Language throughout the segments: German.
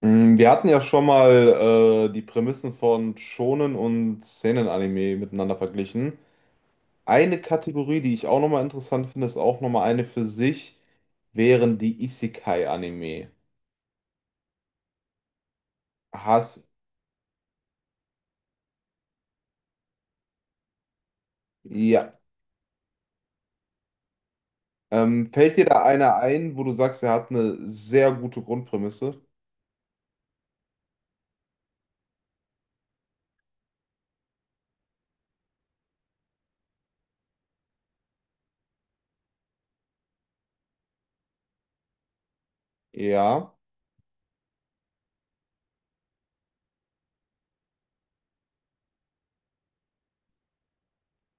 Wir hatten ja schon mal die Prämissen von Shonen und Seinen-Anime miteinander verglichen. Eine Kategorie, die ich auch nochmal interessant finde, ist auch nochmal eine für sich, wären die Isekai-Anime. Hast, ja. Fällt dir da einer ein, wo du sagst, er hat eine sehr gute Grundprämisse? Ja.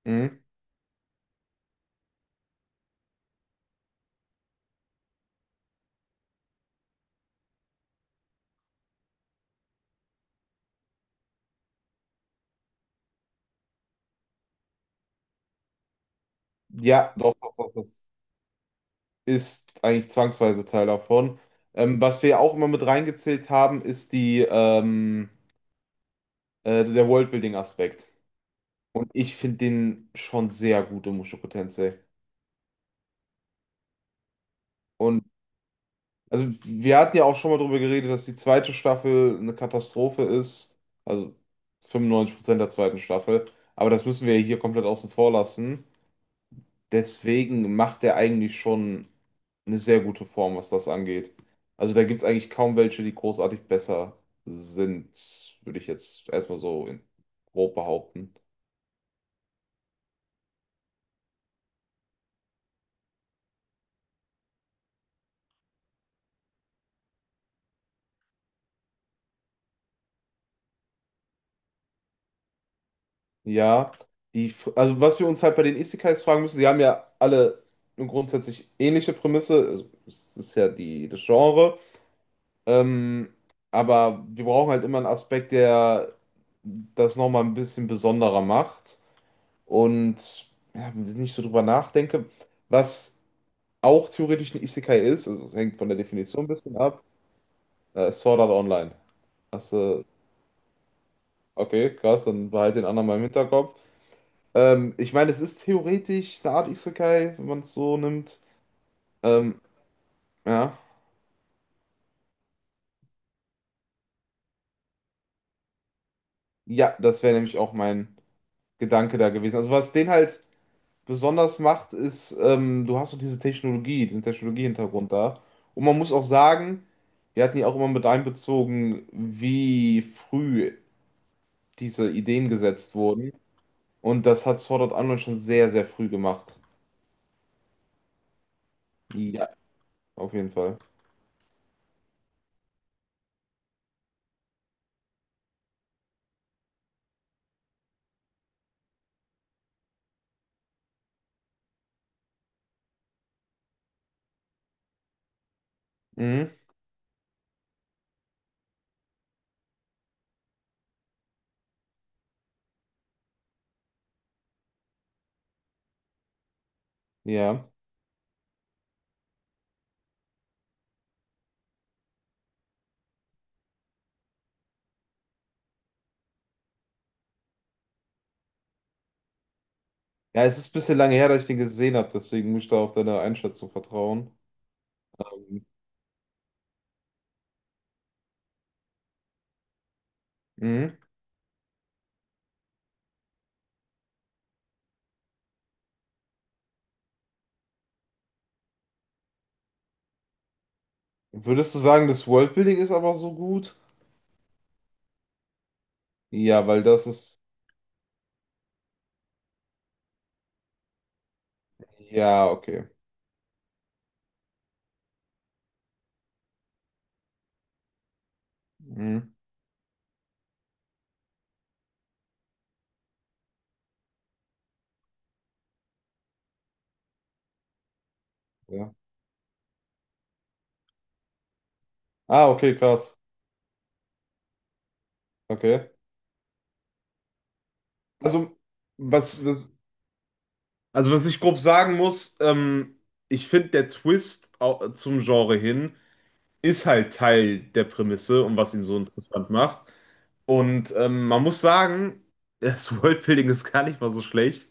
Mhm. Ja, doch, doch, doch, das ist eigentlich zwangsweise Teil davon. Was wir auch immer mit reingezählt haben, ist der Worldbuilding-Aspekt. Und ich finde den schon sehr gut in Mushoku Tensei. Und also wir hatten ja auch schon mal darüber geredet, dass die zweite Staffel eine Katastrophe ist. Also 95% der zweiten Staffel. Aber das müssen wir ja hier komplett außen vor lassen. Deswegen macht er eigentlich schon eine sehr gute Form, was das angeht. Also da gibt es eigentlich kaum welche, die großartig besser sind, würde ich jetzt erstmal so in grob behaupten. Ja, also was wir uns halt bei den Isekais fragen müssen, sie haben ja alle eine grundsätzlich ähnliche Prämisse, also es ist ja die, das Genre, ähm, aber wir brauchen halt immer einen Aspekt, der das nochmal ein bisschen besonderer macht und ja, wenn ich nicht so drüber nachdenke, was auch theoretisch ein Isekai ist, also hängt von der Definition ein bisschen ab, Sword Art Online. Hast du, okay, krass, dann behalt den anderen mal im Hinterkopf. Ich meine, es ist theoretisch eine Art Isekai, wenn man es so nimmt. Ähm, ja. Ja, das wäre nämlich auch mein Gedanke da gewesen. Also was den halt besonders macht, ist, du hast so diese Technologie, diesen Technologiehintergrund da. Und man muss auch sagen, wir hatten ja auch immer mit einbezogen, wie früh diese Ideen gesetzt wurden. Und das hat Sword Art Online schon sehr, sehr früh gemacht. Ja, auf jeden Fall. Mhm. Ja. Ja, es ist ein bisschen lange her, dass ich den gesehen habe, deswegen muss ich da auf deine Einschätzung vertrauen. Mhm. Würdest du sagen, das Worldbuilding ist aber so gut? Ja, weil das ist. Ja, okay. Mhm. Ja. Ah, okay, krass. Okay. Also, was, was, also was ich grob sagen muss, ich finde, zum Genre hin ist halt Teil der Prämisse und was ihn so interessant macht. Und man muss sagen, das Worldbuilding ist gar nicht mal so schlecht.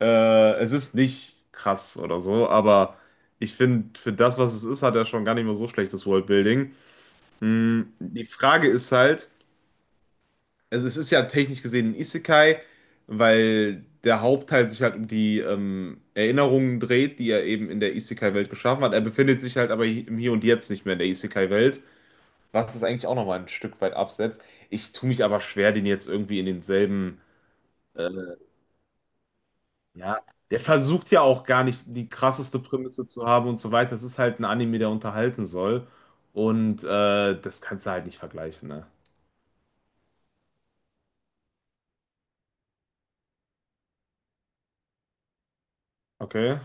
Es ist nicht krass oder so, aber ich finde, für das, was es ist, hat er schon gar nicht mal so schlechtes Worldbuilding. Hm, die Frage ist halt, also es ist ja technisch gesehen ein Isekai, weil der Hauptteil sich halt um die Erinnerungen dreht, die er eben in der Isekai-Welt geschaffen hat. Er befindet sich halt aber im Hier und Jetzt nicht mehr in der Isekai-Welt, was es eigentlich auch nochmal ein Stück weit absetzt. Ich tue mich aber schwer, den jetzt irgendwie in denselben äh, ja, der versucht ja auch gar nicht die krasseste Prämisse zu haben und so weiter. Es ist halt ein Anime, der unterhalten soll. Und das kannst du halt nicht vergleichen, ne? Okay,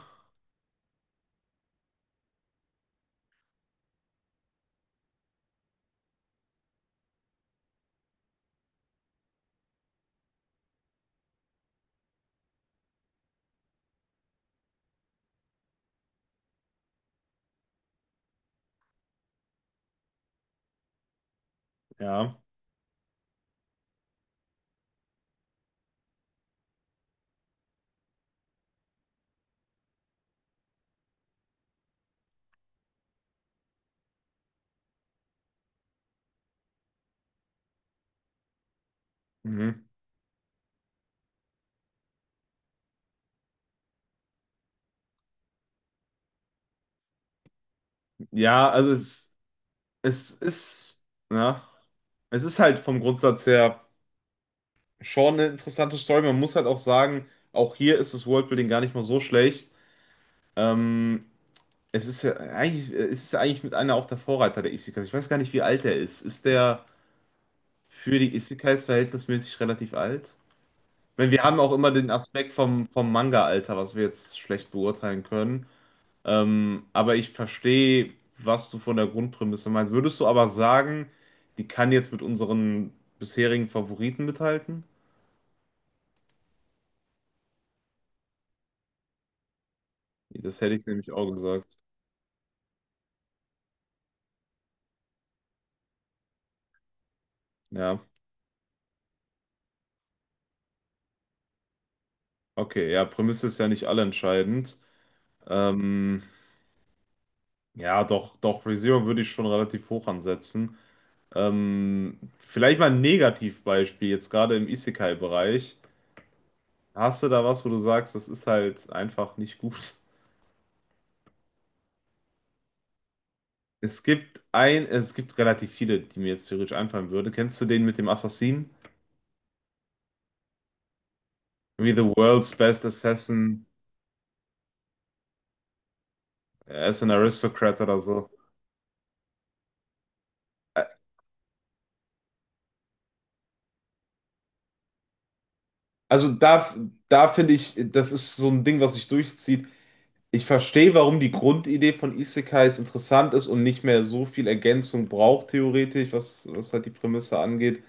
ja. Mhm. Ja, es ist, ja, es ist halt vom Grundsatz her schon eine interessante Story. Man muss halt auch sagen, auch hier ist das Worldbuilding gar nicht mal so schlecht. Ähm, es ist ja eigentlich mit einer auch der Vorreiter der Isekais. Ich weiß gar nicht, wie alt er ist. Ist der. Für die Isekais verhältnismäßig relativ alt. Wenn wir haben auch immer den Aspekt vom Manga-Alter, was wir jetzt schlecht beurteilen können. Aber ich verstehe, was du von der Grundprämisse meinst. Würdest du aber sagen, die kann jetzt mit unseren bisherigen Favoriten mithalten? Nee, das hätte ich nämlich auch gesagt. Ja, okay, ja, Prämisse ist ja nicht allentscheidend. Ähm, ja, doch, doch, ReZero würde ich schon relativ hoch ansetzen. Vielleicht mal ein Negativbeispiel, jetzt gerade im Isekai-Bereich. Hast du da was, wo du sagst, das ist halt einfach nicht gut? Es gibt relativ viele, die mir jetzt theoretisch einfallen würde. Kennst du den mit dem Assassinen? Wie The World's Best Assassin, er ist ein Aristocrat oder so. Ä- Also da, da finde ich, das ist so ein Ding, was sich durchzieht. Ich verstehe, warum die Grundidee von Isekais interessant ist und nicht mehr so viel Ergänzung braucht, theoretisch, was halt die Prämisse angeht.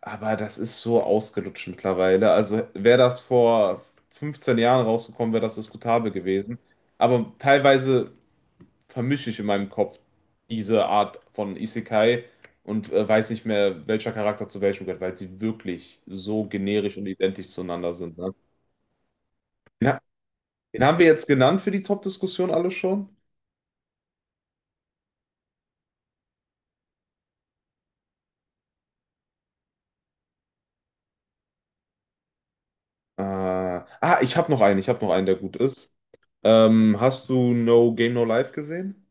Aber das ist so ausgelutscht mittlerweile. Also wäre das vor 15 Jahren rausgekommen, wäre das diskutabel gewesen. Aber teilweise vermische ich in meinem Kopf diese Art von Isekai und weiß nicht mehr, welcher Charakter zu welchem gehört, weil sie wirklich so generisch und identisch zueinander sind. Ne? Den, ha- den haben wir jetzt genannt für die Top-Diskussion alle schon. Ah, ich habe noch einen, der gut ist. Hast du No Game No Life gesehen?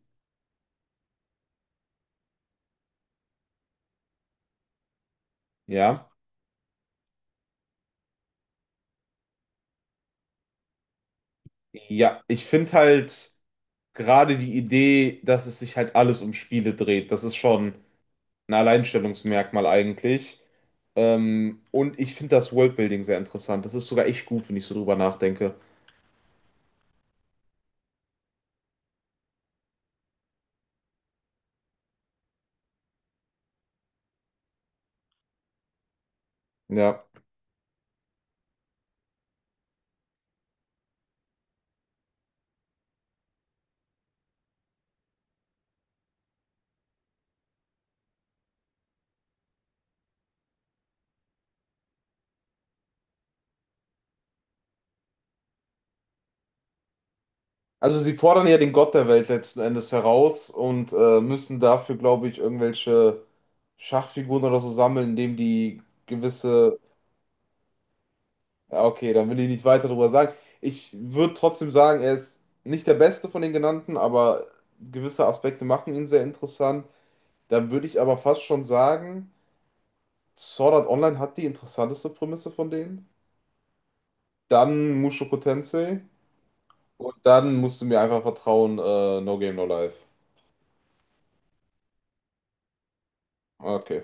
Ja. Ja, ich finde halt gerade die Idee, dass es sich halt alles um Spiele dreht, das ist schon ein Alleinstellungsmerkmal eigentlich. Und ich finde das Worldbuilding sehr interessant. Das ist sogar echt gut, wenn ich so drüber nachdenke. Ja. Also sie fordern ja den Gott der Welt letzten Endes heraus und müssen dafür, glaube ich, irgendwelche Schachfiguren oder so sammeln, indem die gewisse... Ja, okay, dann will ich nicht weiter drüber sagen. Ich würde trotzdem sagen, er ist nicht der Beste von den genannten, aber gewisse Aspekte machen ihn sehr interessant. Dann würde ich aber fast schon sagen, Sword Art Online hat die interessanteste Prämisse von denen. Dann Mushoku Tensei. Und dann musst du mir einfach vertrauen, No Game, No Life. Okay.